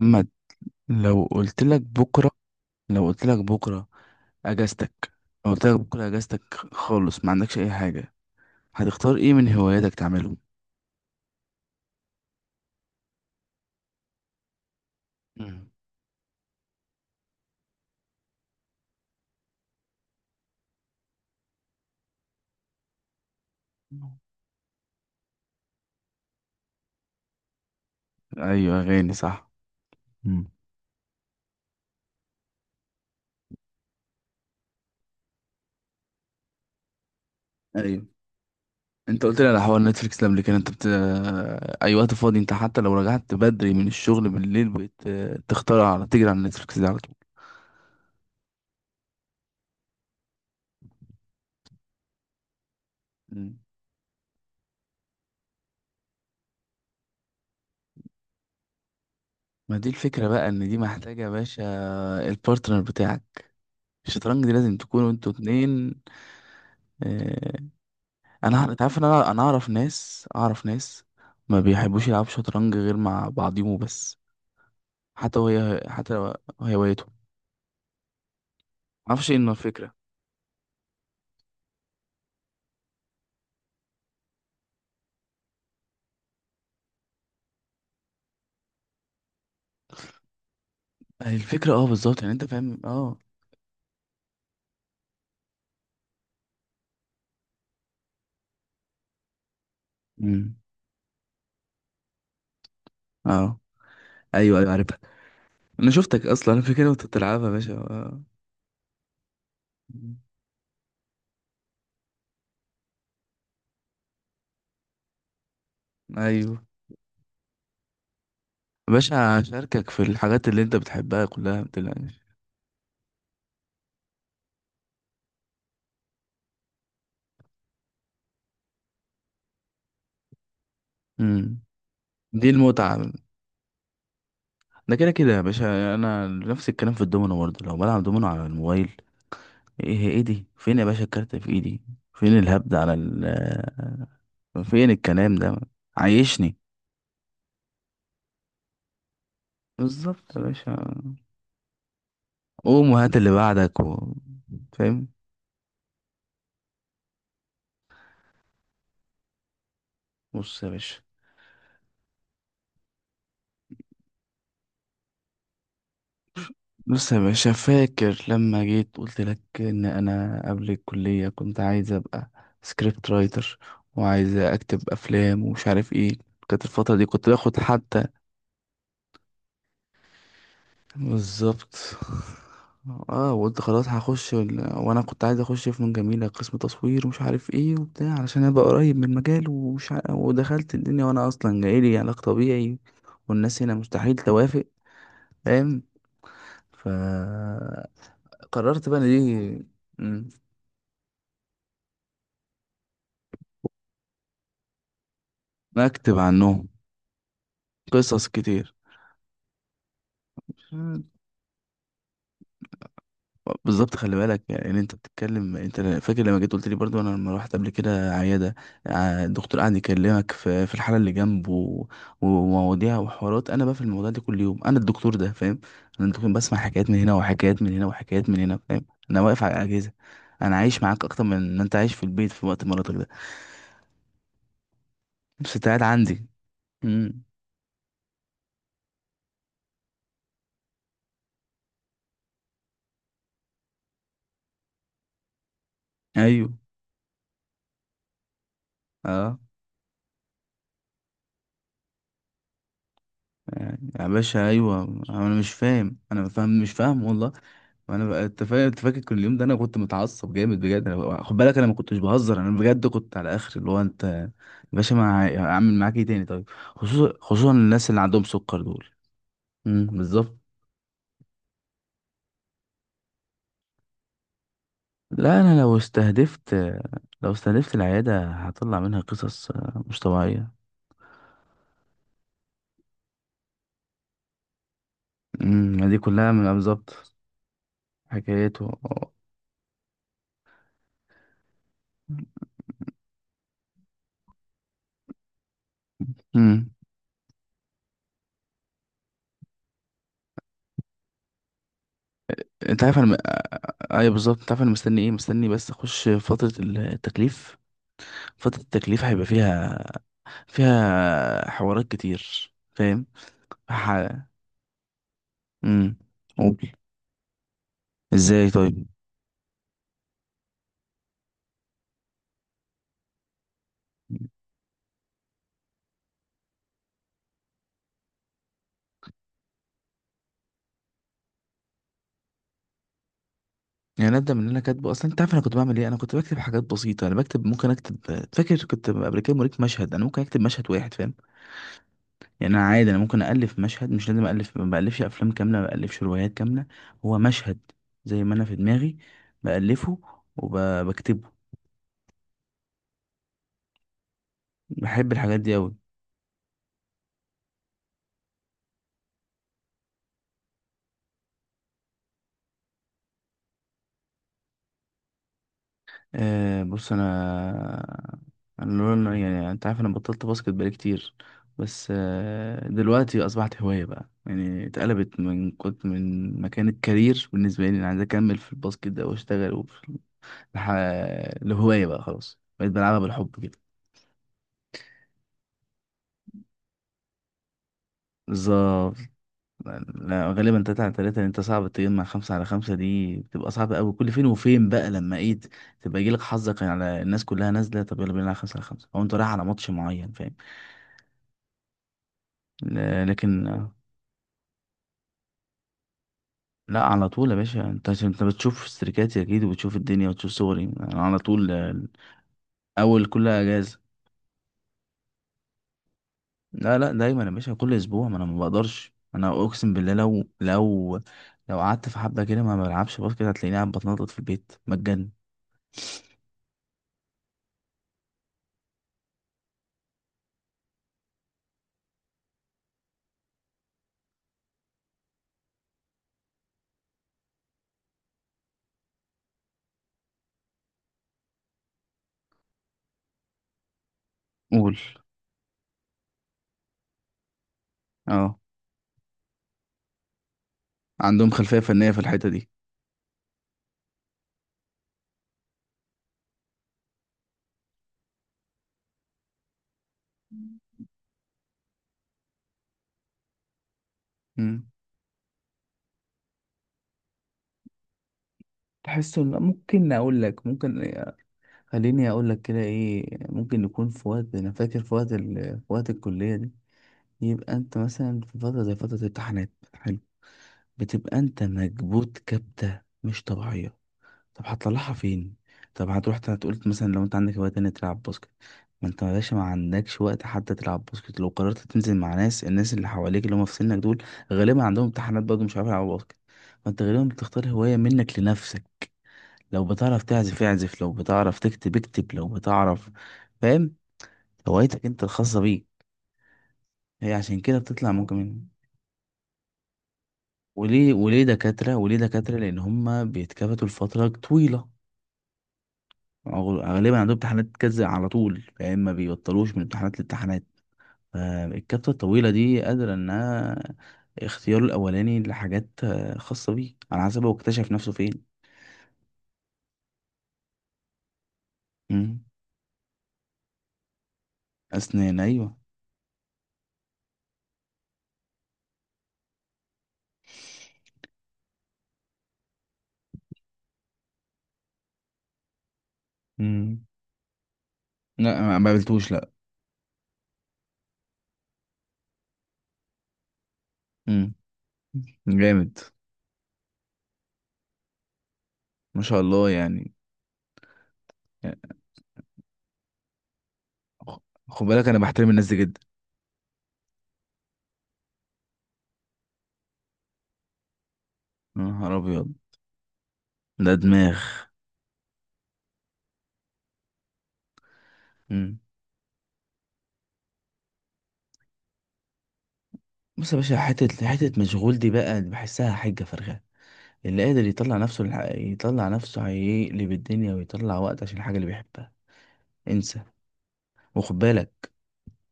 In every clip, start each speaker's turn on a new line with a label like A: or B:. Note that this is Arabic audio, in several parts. A: محمد، لو قلت لك بكره لو قلت لك بكره اجازتك لو قلت لك بكره اجازتك خالص، ما عندكش اي حاجه، هتختار ايه من هواياتك تعمله؟ مم. ايوه، اغاني صح. مم. ايوه، انت قلت لي على حوار نتفليكس ده قبل كده، انت بت... اي وقت فاضي انت، حتى لو رجعت بدري من الشغل بالليل، بقيت تختار تجري على نتفليكس ده على طول. مم. ما دي الفكره بقى، ان دي محتاجه يا باشا، البارتنر بتاعك. الشطرنج دي لازم تكونوا انتوا اتنين. آه، انا أعرف- انت عارف ان انا اعرف ناس، ما بيحبوش يلعبوا شطرنج غير مع بعضيهم بس. حتى وهي، حتى لو هوايتهم. ما اعرفش ايه إنه الفكره. الفكره اه بالظبط، يعني انت فاهم اه. امم. اه، ايوه ايوه عارفها. انا شفتك اصلا، انا فاكر وانت بتلعبها يا باشا آه. مم. ايوه يا باشا، اشاركك في الحاجات اللي انت بتحبها كلها، ما تقلقش. امم، دي المتعه. ده كده كده يا باشا، انا نفس الكلام في الدومينو برضه، لو بلعب دومينو على الموبايل، ايه ايه دي؟ فين يا باشا الكارت في ايدي؟ فين الهبد على ال آه، فين الكلام ده؟ عايشني. بالظبط يا باشا. قوم وهات اللي بعدك و... فاهم. بص يا باشا. بص يا باشا، فاكر لما جيت قلت لك ان انا قبل الكلية كنت عايز ابقى سكريبت رايتر، وعايز اكتب افلام ومش عارف ايه. كانت الفترة دي كنت باخد حتى. بالظبط. اه، وقلت خلاص هخش ال... وانا كنت عايز اخش فنون جميله قسم تصوير ومش عارف ايه وبتاع، علشان ابقى قريب من المجال ومش ع... ودخلت الدنيا وانا اصلا جايلي علاج طبيعي، والناس هنا مستحيل توافق. فاهم. فقررت بقى ان دي. مم، اكتب عنهم. قصص كتير. بالظبط، خلي بالك يعني، إن انت بتتكلم، انت فاكر لما جيت قلت لي برضو، انا لما رحت قبل كده عياده، ع- الدكتور قعد يكلمك في الحاله اللي جنبه و- ومواضيع وحوارات. انا بقى في الموضوع ده كل يوم. انا الدكتور ده، فاهم؟ انا الدكتور، بسمع حكايات من هنا وحكايات من هنا وحكايات من هنا، فاهم؟ انا واقف على الاجهزه. انا عايش معاك اكتر من ان انت عايش في البيت في وقت مراتك ده، بس انت قاعد عندي. امم. ايوه. اه. يا باشا ايوه، انا مش فاهم، انا فاهم مش فاهم والله. انا بقى- انت فاهم، انت فاكر كل اليوم ده، انا كنت متعصب جامد بجد. انا بقى- خد بالك انا ما كنتش بهزر، انا بجد كنت على اخر، اللي هو، انت يا باشا ما ه- هعمل معاك ايه تاني طيب؟ خصوصا الناس اللي عندهم سكر دول. امم، بالظبط. لا، انا لو استهدفت، لو استهدفت العياده، هطلع منها قصص آه، مش طبيعيه. امم، دي كلها من، بالظبط، حكايته. امم. انت عارف انا م... آه، ايوه بالظبط، انت عارف انا مستني ايه؟ مستني بس اخش فترة التكليف. فترة التكليف هيبقى فيها، فيها حوارات كتير، فاهم؟ ح... امم، قول، ازاي طيب؟ يعني ابدا من اللي انا كاتبه اصلا. انت عارف انا كنت بعمل ايه؟ انا كنت بكتب حاجات بسيطه، انا بكتب، ممكن اكتب. فاكر كنت قبل كده موريك مشهد، انا ممكن اكتب مشهد واحد، فاهم؟ يعني انا عادي، انا ممكن الف مشهد، مش لازم الف، ما بالفش افلام كامله، ما بالفش روايات كامله. هو مشهد، زي ما انا في دماغي، بالفه وبكتبه. بحب الحاجات دي أوي. أه بص أنا، أنا لون- يعني أنت عارف، أنا بطلت باسكت بقالي كتير، بس أه دلوقتي أصبحت هواية بقى. يعني اتقلبت، من كنت من مكان الكارير بالنسبة لي، أنا عايز أكمل في الباسكت ده وأشتغل، وفي الح... لهواية بقى، خلاص بقيت بلعبها بالحب كده. بالظبط. لا، غالبا تلاتة على تلاتة، لأن انت صعب تجمع خمسة على خمسة. دي بتبقى صعبة أوي، كل فين وفين بقى، لما ايه، تبقى يجيلك حظك على الناس كلها نازلة، طب يلا بينا على خمسة على خمسة، أو أنت رايح على ماتش معين، فاهم؟ ل- لكن آه، لا على طول يا باشا. انت عشان انت بتشوف استريكاتي أكيد، وبتشوف الدنيا وتشوف صوري، أنا على طول آه، أول كل أجازة. لا لا دايما يا باشا، كل أسبوع. ما أنا ما بقدرش، أنا أقسم بالله لو لو قعدت في حبة كده ما بلعبش باسكت، هتلاقيني قاعد بتنطط في البيت مجان. قول. اه، عندهم خلفية فنية في الحتة دي. مم. تحس ان ممكن اقول لك، ممكن خليني اقول لك كده، ايه ممكن نكون في وقت، انا فاكر في وقت ال... في وقت الكلية دي. يبقى انت مثلا في فترة زي فترة الامتحانات، حلو، بتبقى انت مكبوت كبتة مش طبيعية. طب هتطلعها فين؟ طب هتروح تقول مثلا لو انت عندك هواية تانية تلعب باسكت؟ ما انت يا باشا ما عندكش وقت حتى تلعب باسكت. لو قررت تنزل مع ناس، الناس اللي حواليك اللي هم في سنك دول، غالبا عندهم امتحانات برضه، مش عارفين يلعبوا باسكت. فانت غالبا بتختار هواية منك لنفسك. لو بتعرف تعزف اعزف، لو بتعرف تكتب اكتب، لو بتعرف، فاهم؟ هوايتك انت الخاصة بيك، هي عشان كده بتطلع ممكن منها. وليه وليه دكاترة؟ لأن هم بيتكبتوا لفترة طويلة. أغ- غالبا عندهم امتحانات كذا على طول، فاهم؟ ما بيبطلوش من امتحانات لامتحانات. فالكبسة الطويلة دي قادرة انها اختياره الاولاني لحاجات آه، خاصة بيه، على حسب هو اكتشف نفسه فين. مم. اسنان، ايوه. مم. لا، ما قابلتوش لا. مم. جامد، ما شاء الله يعني. خ- خد بالك انا بحترم الناس دي جدا. يا نهار ابيض، ده دماغ. مم. بص يا باشا، حتة مشغول دي بقى، بحسها حجة فارغة. اللي قادر يطلع نفسه للح... يطلع نفسه، هيقلب الدنيا ويطلع وقت عشان الحاجة اللي بيحبها. انسى. وخد بالك،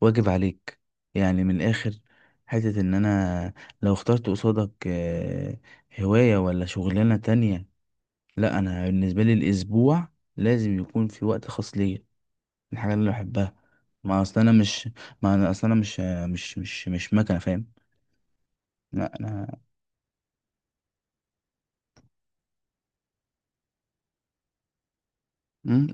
A: واجب عليك، يعني من الآخر. حتة إن أنا لو اخترت قصادك آه، هواية ولا شغلانة تانية، لا، أنا بالنسبة لي الأسبوع لازم يكون في وقت خاص ليا، الحاجة اللي بحبها. ما أصل أنا مش، ما أنا أصل أنا مش، مش مكنة، فاهم؟ لا، أنا.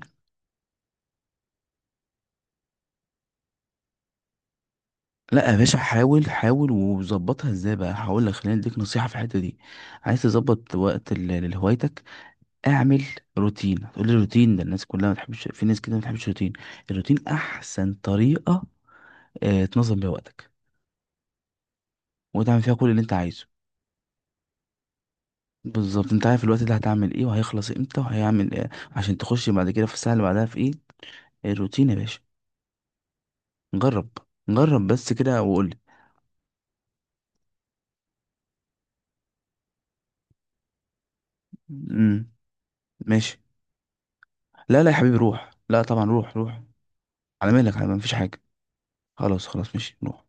A: لا يا باشا، حاول، حاول وظبطها. ازاي بقى؟ هقول لك، خلينا اديك نصيحه في الحته دي. عايز تظبط وقت ال- لهوايتك، اعمل روتين. هتقول لي روتين ده الناس كلها ما تحبش، في ناس كده ما بتحبش الروتين. الروتين احسن طريقه آه تنظم بيها وقتك، وتعمل فيها كل اللي انت عايزه. بالظبط، انت عارف الوقت ده هتعمل ايه، وهيخلص امتى، وهيعمل ايه عشان تخش بعد كده في الساعه اللي بعدها في ايه. الروتين يا باشا، جرب. جرب بس كده وقول لي. امم، ماشي. لا لا يا حبيبي روح، لا طبعا روح روح. على مالك، على ما فيش حاجه. خلاص خلاص ماشي نروح.